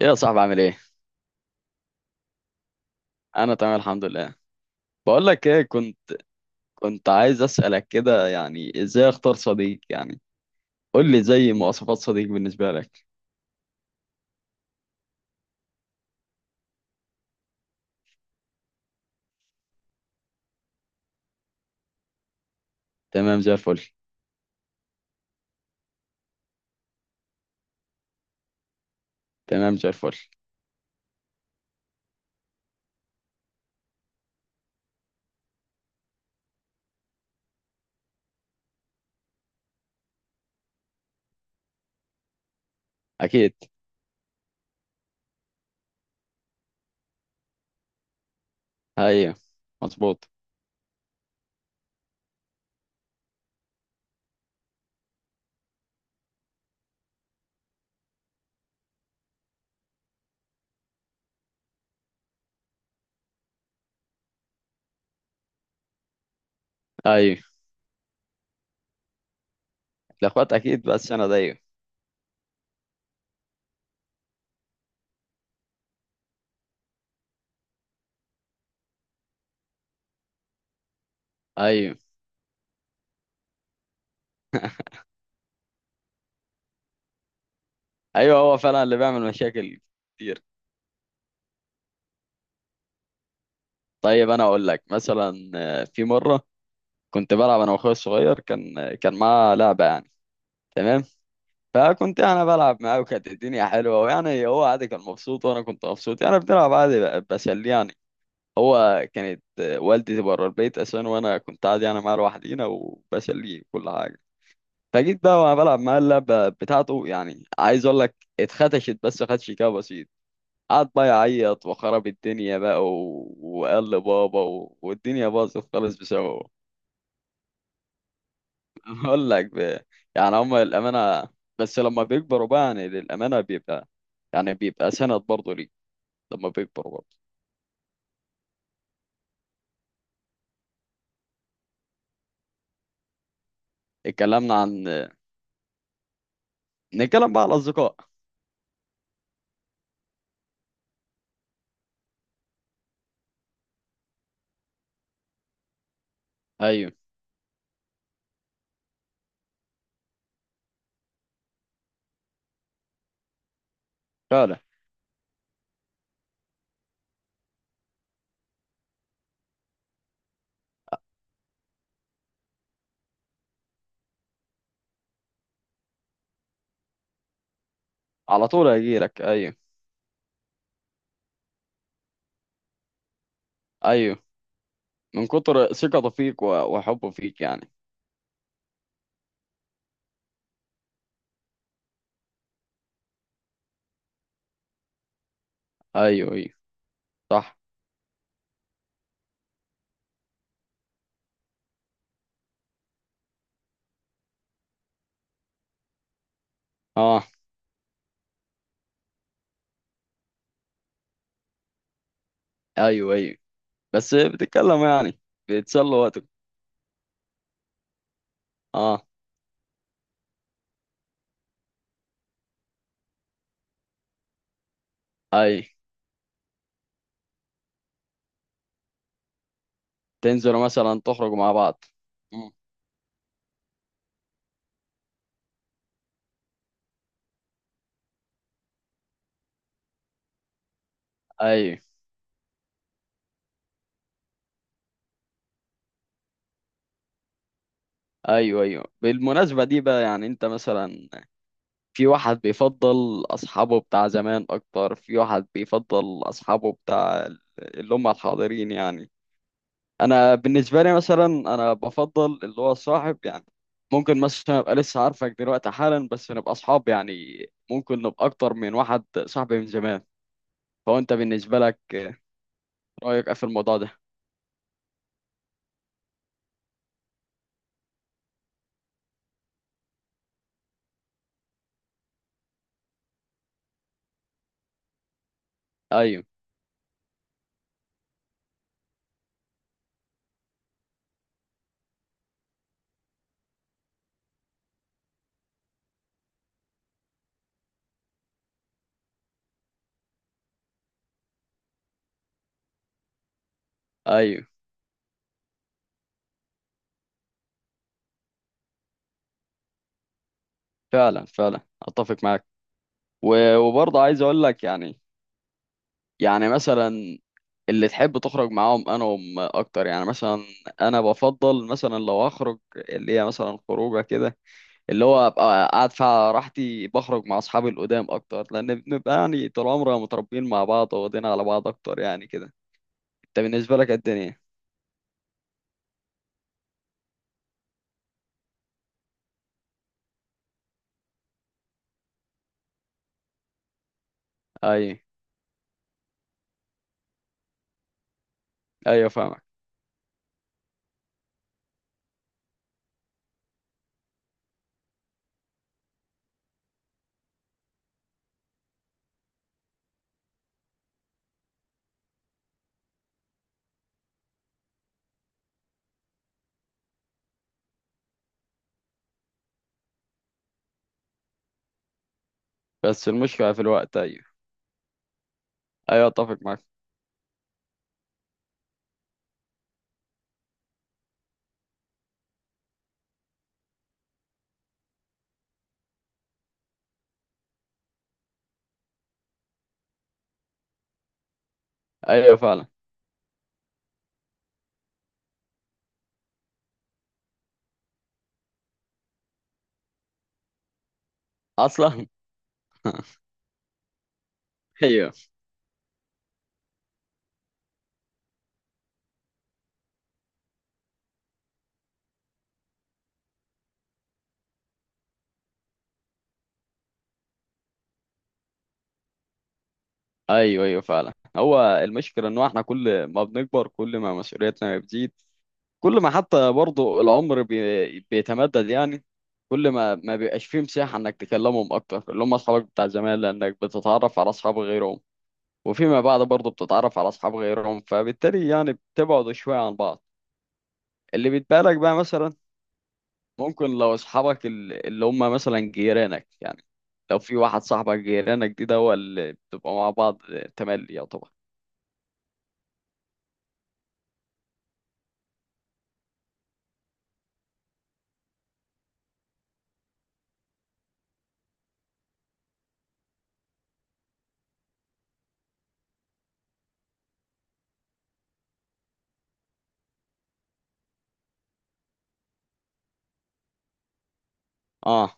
ايه يا صاحبي؟ عامل ايه؟ انا تمام الحمد لله. بقول لك ايه، كنت عايز اسالك كده، يعني ازاي اختار صديق؟ يعني قول لي زي مواصفات صديق بالنسبه لك. تمام زي الفل. تمام زي الفل. اكيد. ايوه، مظبوط. ايوه. الاخوات اكيد، بس انا ده ايوه. ايوه ايوه، هو فعلا اللي بيعمل مشاكل كتير. طيب انا اقول لك مثلا، في مره كنت بلعب انا واخويا الصغير، كان معاه لعبه يعني. تمام. فكنت انا بلعب معاه وكانت الدنيا حلوه، ويعني هو عادي، كان مبسوط وانا كنت مبسوط، يعني بنلعب عادي، بسلي يعني. هو كانت والدتي بره البيت اساسا، وانا كنت عادي يعني معاه لوحدينا وبسليه كل حاجه. فجيت بقى وانا بلعب معاه اللعبه بتاعته، يعني عايز اقول لك اتخدشت بس خدش كده بسيط. قعد بقى يعيط وخرب الدنيا بقى، وقال لبابا، والدنيا باظت خالص بسببه. بقول لك يعني هم للأمانة، بس لما بيكبروا بقى، يعني للأمانة بيبقى، يعني بيبقى سند برضه ليه لما بيكبروا برضه. اتكلمنا عن، نتكلم بقى على الأصدقاء. أيوه فعلا. على طول هيجيلك، أيوه. أيوه، من كتر ثقته فيك وحبه فيك يعني. أيوه أيوه صح. أه أيوه أيوه، بس بتتكلم يعني، بتسلوا وقتك. أه أيوه، تنزلوا مثلا تخرجوا مع بعض. مم. أيوه أيوه. أيوه، بالمناسبة دي بقى، يعني أنت مثلا في واحد بيفضل أصحابه بتاع زمان أكتر، في واحد بيفضل أصحابه بتاع اللي هم الحاضرين يعني. أنا بالنسبة لي مثلا أنا بفضل اللي هو صاحب يعني. ممكن مثلا أبقى لسه عارفك دلوقتي حالا، بس نبقى أصحاب يعني. ممكن نبقى أكتر من واحد صاحبي من زمان. فهو أنت بالنسبة لك رأيك إيه في الموضوع ده؟ أيوه أيوه، فعلا فعلا أتفق معاك. وبرضه عايز أقول لك يعني، يعني مثلا اللي تحب تخرج معاهم انا وهم اكتر، يعني مثلا انا بفضل مثلا لو اخرج اللي هي مثلا خروجه كده، اللي هو ابقى قاعد فيها راحتي، بخرج مع اصحابي القدام اكتر، لان بنبقى يعني طول عمرنا متربيين مع بعض، واخدين على بعض اكتر يعني كده. انت بالنسبه لك إيه الدنيا؟ ايوه ايوه فاهمك. بس المشكله في الوقت، ايوه. ايوه اتفق معاك. ايوه فعلا. اصلا. ايوه. ايوه ايوه فعلا، هو المشكله ان احنا كل ما بنكبر كل ما مسؤوليتنا بتزيد، كل ما حتى برضه العمر بيتمدد يعني، كل ما ما بيبقاش فيه مساحة انك تكلمهم اكتر اللي هم اصحابك بتاع زمان، لانك بتتعرف على اصحاب غيرهم، وفيما بعد برضه بتتعرف على اصحاب غيرهم، فبالتالي يعني بتبعدوا شوية عن بعض. اللي بيتبقى لك بقى مثلا، ممكن لو اصحابك اللي هم مثلا جيرانك يعني، لو في واحد صاحبك جيرانك دي، ده هو اللي بتبقى مع بعض تملي، يعتبر. اه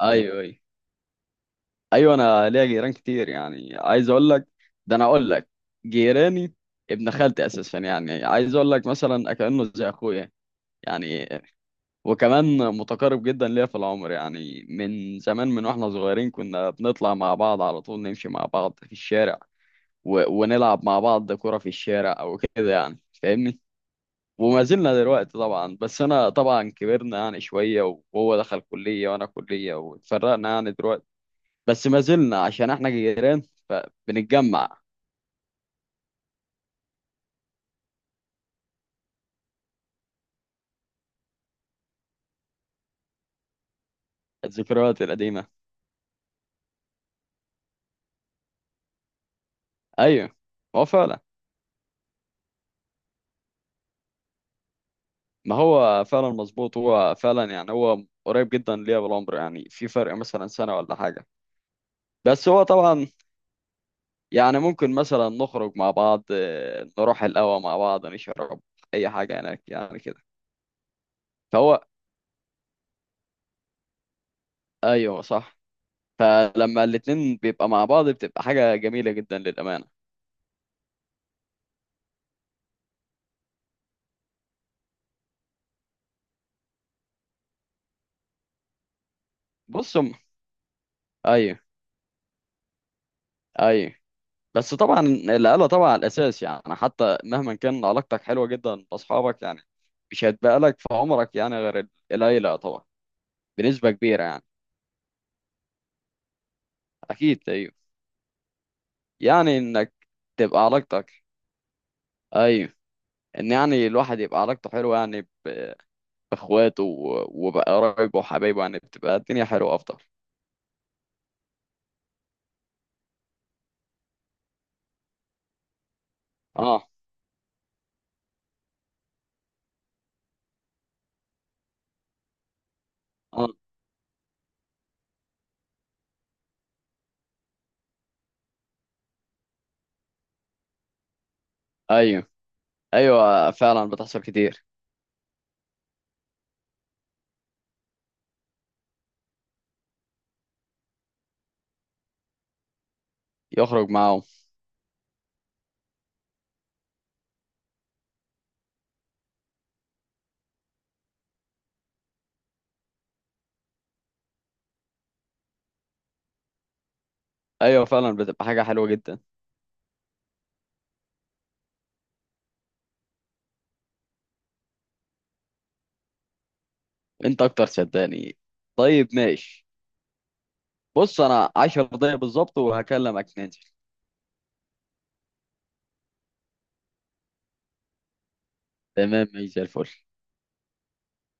ايوه ايوه. ايوه انا ليا جيران كتير، يعني عايز اقول لك، ده انا اقول لك جيراني ابن خالتي اساسا، يعني عايز اقول لك مثلا كانه زي اخويا يعني. وكمان متقارب جدا ليا في العمر، يعني من زمان من واحنا صغيرين كنا بنطلع مع بعض على طول، نمشي مع بعض في الشارع ونلعب مع بعض كرة في الشارع او كده، يعني فاهمني. وما زلنا دلوقتي طبعا، بس انا طبعا كبرنا يعني شوية، وهو دخل كلية وانا كلية واتفرقنا يعني دلوقتي، بس ما زلنا عشان احنا جيران فبنتجمع. الذكريات القديمة. ايوه هو فعلا. ما هو فعلا مظبوط، هو فعلا يعني هو قريب جدا ليا بالعمر، يعني في فرق مثلا سنة ولا حاجة. بس هو طبعا يعني ممكن مثلا نخرج مع بعض، نروح القهوة مع بعض، نشرب اي حاجة هناك يعني كده. فهو، ايوه صح. فلما الاتنين بيبقى مع بعض بتبقى حاجة جميلة جدا للأمانة. بص ايوه ايوه. بس طبعا العيلة طبعا الأساس، يعني حتى مهما كان علاقتك حلوة جدا بأصحابك يعني، مش هتبقى لك في عمرك يعني غير العيلة طبعا. بنسبة كبيرة يعني. أكيد أيوه. يعني إنك تبقى علاقتك، أيوه، إن يعني الواحد يبقى علاقته حلوة يعني بإخواته وبقرايبه وحبايبه، يعني بتبقى الدنيا حلوة أفضل. أه أه. أيوه أيوه فعلا، بتحصل كتير. يخرج معاهم. أيوه فعلا، بتبقى حاجة حلوة جدا. أنت أكتر صدقني. طيب ماشي. بص انا 10 دقايق بالظبط وهكلمك ننزل. تمام ماشي زي الفل.